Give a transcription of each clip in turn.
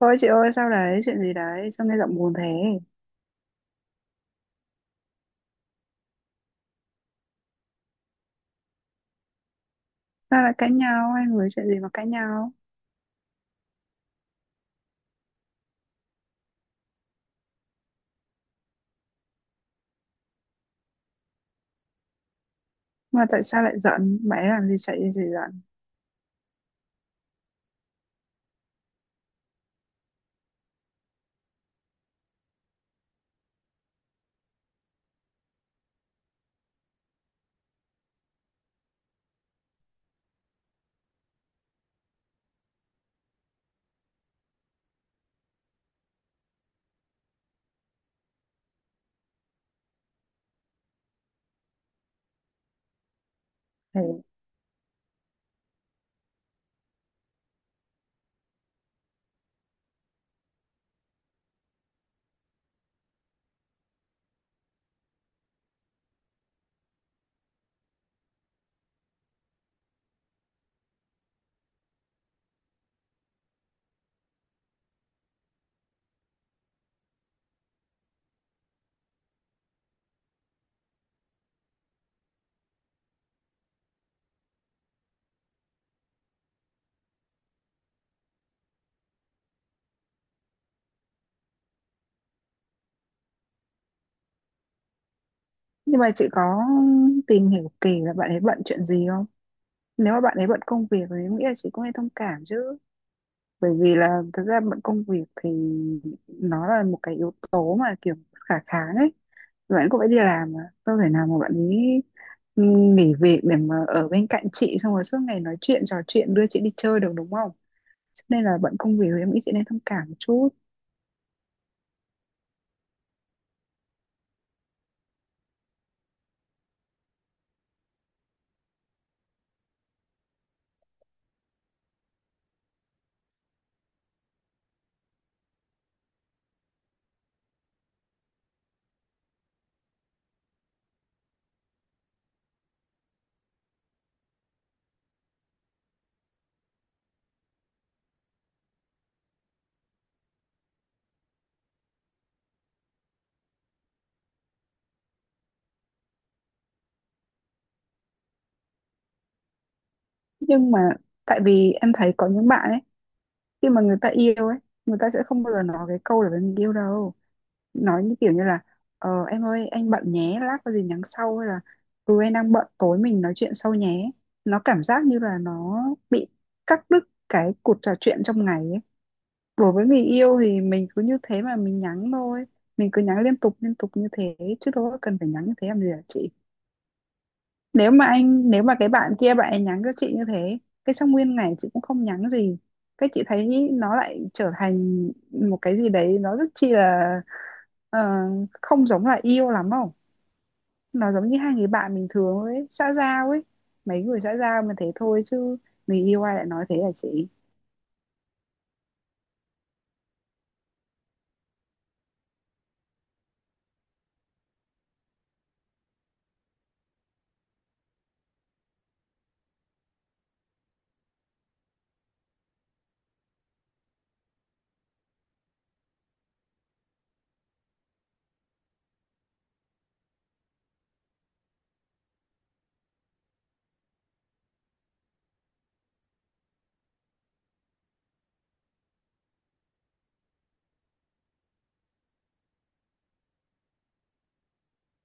Thôi chị ơi, sao đấy? Chuyện gì đấy? Sao nghe giọng buồn thế? Sao lại cãi nhau hai người? Chuyện gì mà cãi nhau? Mà tại sao lại giận bạn ấy làm gì, chạy gì giận thế? Nhưng mà chị có tìm hiểu kỹ là bạn ấy bận chuyện gì không? Nếu mà bạn ấy bận công việc thì em nghĩ là chị cũng nên thông cảm chứ. Bởi vì là thực ra bận công việc thì nó là một cái yếu tố mà kiểu khả kháng ấy. Bạn cũng phải đi làm mà, đâu thể nào mà bạn ấy nghỉ việc để mà ở bên cạnh chị, xong rồi suốt ngày nói chuyện trò chuyện đưa chị đi chơi được, đúng không? Cho nên là bận công việc thì em nghĩ chị nên thông cảm một chút. Nhưng mà tại vì em thấy có những bạn ấy, khi mà người ta yêu ấy, người ta sẽ không bao giờ nói cái câu là mình yêu đâu. Nói như kiểu như là em ơi anh bận nhé, lát có gì nhắn sau, hay là ừ anh đang bận tối mình nói chuyện sau nhé. Nó cảm giác như là nó bị cắt đứt cái cuộc trò chuyện trong ngày ấy. Đối với người yêu thì mình cứ như thế mà mình nhắn thôi, mình cứ nhắn liên tục như thế, chứ đâu có cần phải nhắn như thế làm gì hả chị? Nếu mà cái bạn kia bạn ấy nhắn cho chị như thế, cái xong nguyên ngày chị cũng không nhắn gì, cái chị thấy nó lại trở thành một cái gì đấy nó rất chi là ờ, không giống là yêu lắm không. Nó giống như hai người bạn bình thường ấy, xã giao ấy, mấy người xã giao mà thế thôi chứ, người yêu ai lại nói thế là chị.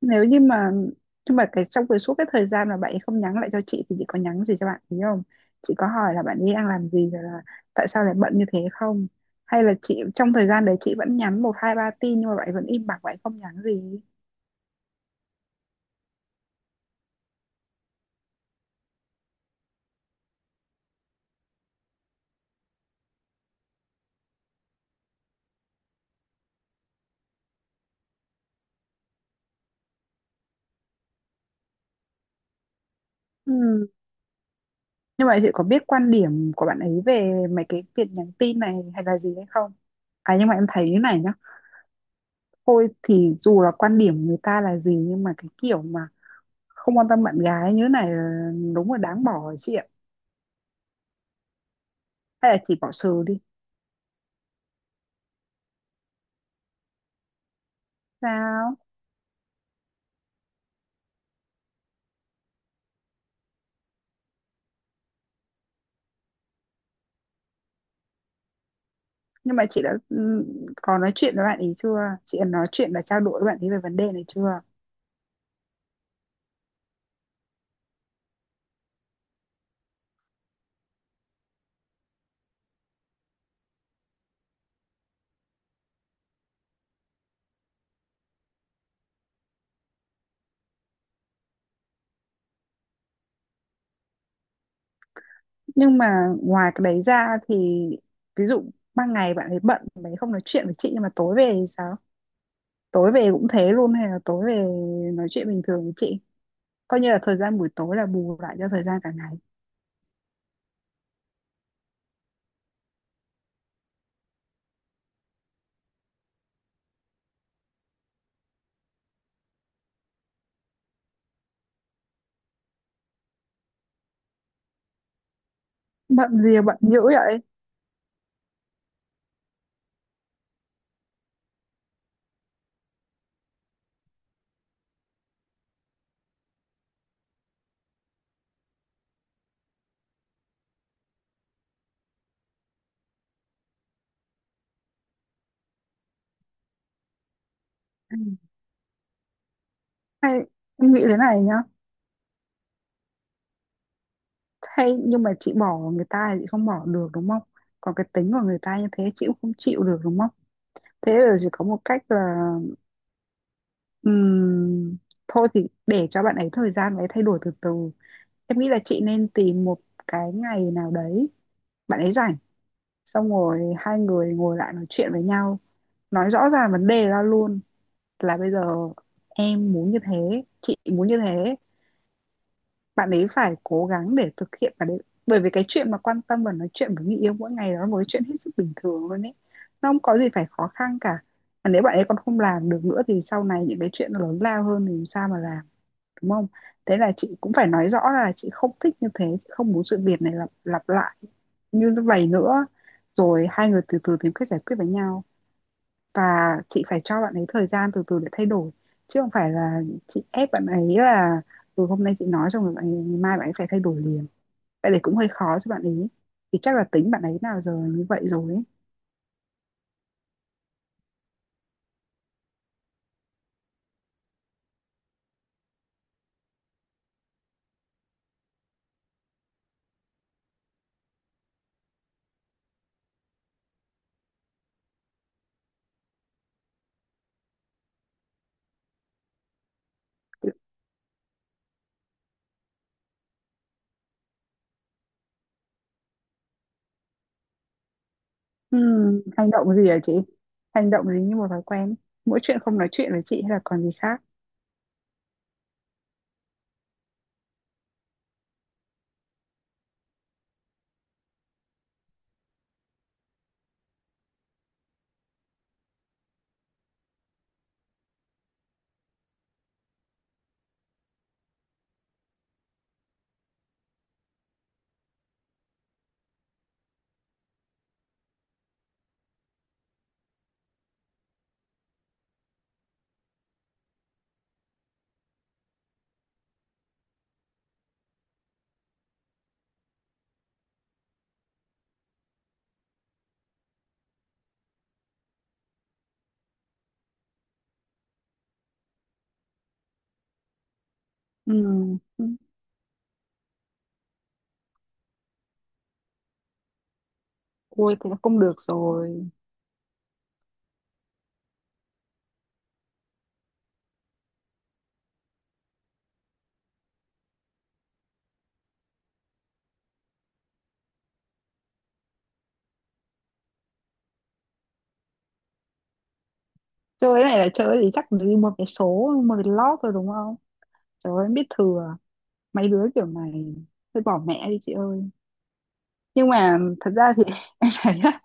Nếu như mà Nhưng mà cái trong cái suốt cái thời gian mà bạn ấy không nhắn lại cho chị thì chị có nhắn gì cho bạn ấy không? Chị có hỏi là bạn ấy đang làm gì rồi là tại sao lại bận như thế không? Hay là chị trong thời gian đấy chị vẫn nhắn một hai ba tin nhưng mà bạn ấy vẫn im bặt, bạn ấy không nhắn gì? Ừ. Nhưng mà chị có biết quan điểm của bạn ấy về mấy cái việc nhắn tin này hay là gì hay không? À, nhưng mà em thấy như này nhá. Thôi thì dù là quan điểm người ta là gì nhưng mà cái kiểu mà không quan tâm bạn gái như thế này là đúng là đáng bỏ chị ạ. Hay là chỉ bỏ sừ đi. Sao? Nhưng mà chị đã có nói chuyện với bạn ấy chưa? Chị đã nói chuyện và trao đổi với bạn ấy về vấn đề này chưa? Nhưng mà ngoài cái đấy ra thì ví dụ ban ngày bạn ấy bận, bạn ấy không nói chuyện với chị, nhưng mà tối về thì sao? Tối về cũng thế luôn hay là tối về nói chuyện bình thường với chị? Coi như là thời gian buổi tối là bù lại cho thời gian cả ngày. Bận gì mà bận dữ vậy? Ừ. Hay em nghĩ thế này nhá. Hay nhưng mà chị bỏ người ta thì chị không bỏ được đúng không? Còn cái tính của người ta như thế chị cũng không chịu được đúng không? Thế là chỉ có một cách là ừm, thôi thì để cho bạn ấy thời gian bạn ấy thay đổi từ từ. Em nghĩ là chị nên tìm một cái ngày nào đấy bạn ấy rảnh, xong rồi hai người ngồi lại nói chuyện với nhau, nói rõ ràng vấn đề ra luôn là bây giờ em muốn như thế, chị muốn như thế, bạn ấy phải cố gắng để thực hiện và đấy. Bởi vì cái chuyện mà quan tâm và nói chuyện với người yêu mỗi ngày đó là một cái chuyện hết sức bình thường luôn ấy, nó không có gì phải khó khăn cả. Và nếu bạn ấy còn không làm được nữa thì sau này những cái chuyện nó lớn lao hơn thì làm sao mà làm, đúng không? Thế là chị cũng phải nói rõ là chị không thích như thế, chị không muốn sự việc này lặp lặp lại như vậy nữa. Rồi hai người từ từ tìm cách giải quyết với nhau, và chị phải cho bạn ấy thời gian từ từ để thay đổi, chứ không phải là chị ép bạn ấy là từ hôm nay chị nói xong rồi bạn ấy, ngày mai bạn ấy phải thay đổi liền. Vậy thì cũng hơi khó cho bạn ấy, thì chắc là tính bạn ấy nào giờ như vậy rồi ấy. Hành động gì hả chị? Hành động gì như một thói quen? Mỗi chuyện không nói chuyện với chị hay là còn gì khác? Ừm, Ui thì không được rồi. Chơi cái này là chơi thì chắc phải đi một vé số một vé lót rồi đúng không? Trời ơi em biết thừa mấy đứa kiểu này, thôi bỏ mẹ đi chị ơi. Nhưng mà thật ra thì đấy á,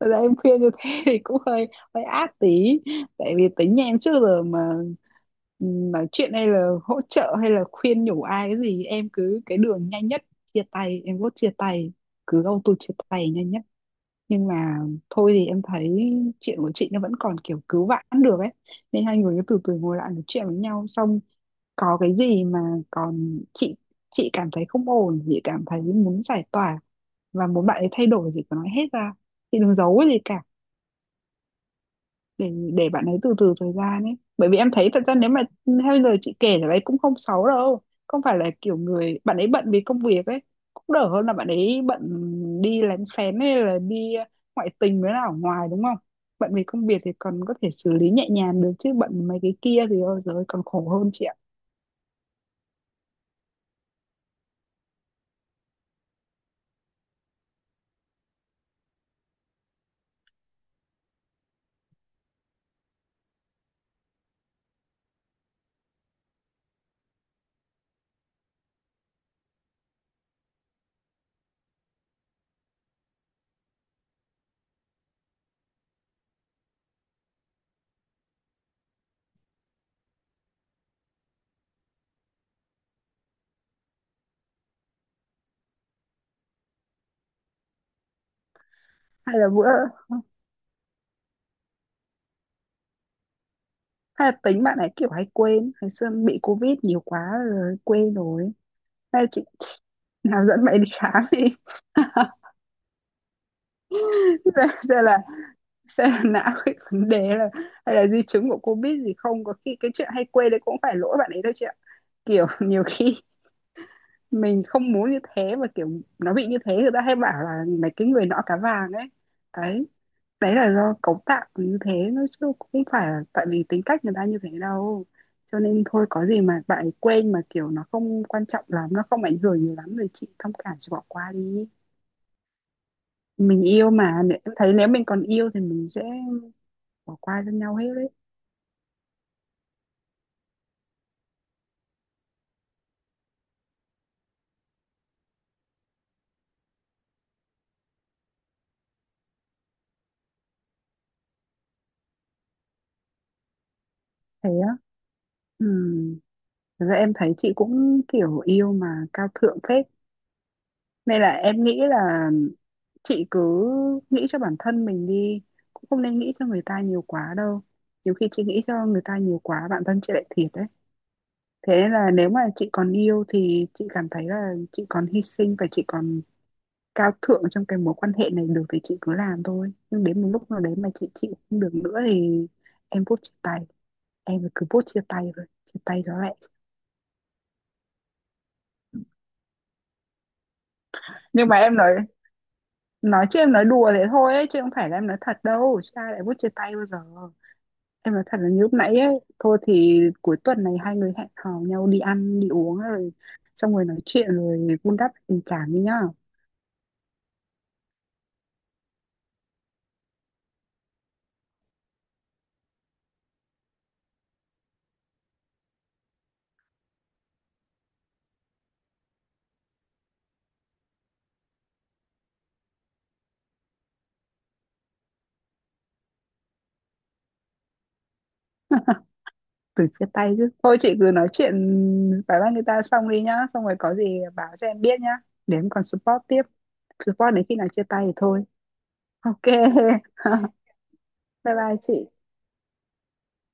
thật ra em khuyên như thế thì cũng hơi hơi ác tí. Tại vì tính nhà em trước giờ mà nói chuyện hay là hỗ trợ hay là khuyên nhủ ai cái gì em cứ cái đường nhanh nhất, chia tay. Em vote chia tay, cứ auto chia tay nhanh nhất. Nhưng mà thôi thì em thấy chuyện của chị nó vẫn còn kiểu cứu vãn được ấy, nên hai người cứ từ từ ngồi lại nói chuyện với nhau, xong có cái gì mà còn chị cảm thấy không ổn, chị cảm thấy muốn giải tỏa và muốn bạn ấy thay đổi, chị cứ nói hết ra, chị đừng giấu cái gì cả. Để bạn ấy từ từ thời gian ấy, bởi vì em thấy thật ra nếu mà theo lời chị kể là bạn ấy cũng không xấu đâu. Không phải là kiểu người bạn ấy bận vì công việc ấy, cũng đỡ hơn là bạn ấy bận đi lén phén hay là đi ngoại tình với là ở ngoài đúng không? Bận vì công việc thì còn có thể xử lý nhẹ nhàng được chứ bận mấy cái kia thì ôi giời ơi, còn khổ hơn chị ạ. hay là bữa Hay là tính bạn ấy kiểu hay quên, ngày xưa bị covid nhiều quá rồi quên rồi. Hay là chị nào dẫn bạn ấy đi khám đi. Xem xem là não bị vấn đề, là hay là di chứng của covid gì, không có khi cái chuyện hay quên đấy cũng phải lỗi bạn ấy đâu chị ạ. Kiểu nhiều khi mình không muốn như thế mà kiểu nó bị như thế, người ta hay bảo là mấy cái người nọ cá vàng ấy, đấy. Đấy là do cấu tạo như thế nó, chứ không phải là tại vì tính cách người ta như thế đâu. Cho nên thôi có gì mà bạn ấy quên mà kiểu nó không quan trọng lắm, nó không ảnh hưởng nhiều lắm rồi chị thông cảm chị bỏ qua đi. Mình yêu mà. Em thấy nếu mình còn yêu thì mình sẽ bỏ qua cho nhau hết đấy. Thế á? Ừ. Thật ra em thấy chị cũng kiểu yêu mà cao thượng phết, nên là em nghĩ là chị cứ nghĩ cho bản thân mình đi, cũng không nên nghĩ cho người ta nhiều quá đâu. Nhiều khi chị nghĩ cho người ta nhiều quá bản thân chị lại thiệt đấy. Thế nên là nếu mà chị còn yêu thì chị cảm thấy là chị còn hy sinh và chị còn cao thượng trong cái mối quan hệ này được thì chị cứ làm thôi. Nhưng đến một lúc nào đấy mà chị chịu không được nữa thì em vote chia tay. Em cứ vote chia tay rồi, chia tay đó lại. Nhưng mà em nói chứ em nói đùa thế thôi ấy, chứ không phải là em nói thật đâu. Chứ ai lại vote chia tay bao giờ. Em nói thật là như lúc nãy ấy, thôi thì cuối tuần này hai người hẹn hò nhau đi ăn, đi uống rồi xong rồi nói chuyện rồi vun đắp tình cảm đi nhá. Từ chia tay chứ thôi chị cứ nói chuyện bài văn người ta xong đi nhá, xong rồi có gì báo cho em biết nhá, để em còn support tiếp. Support đến khi nào chia tay thì thôi. Ok. Bye bye chị.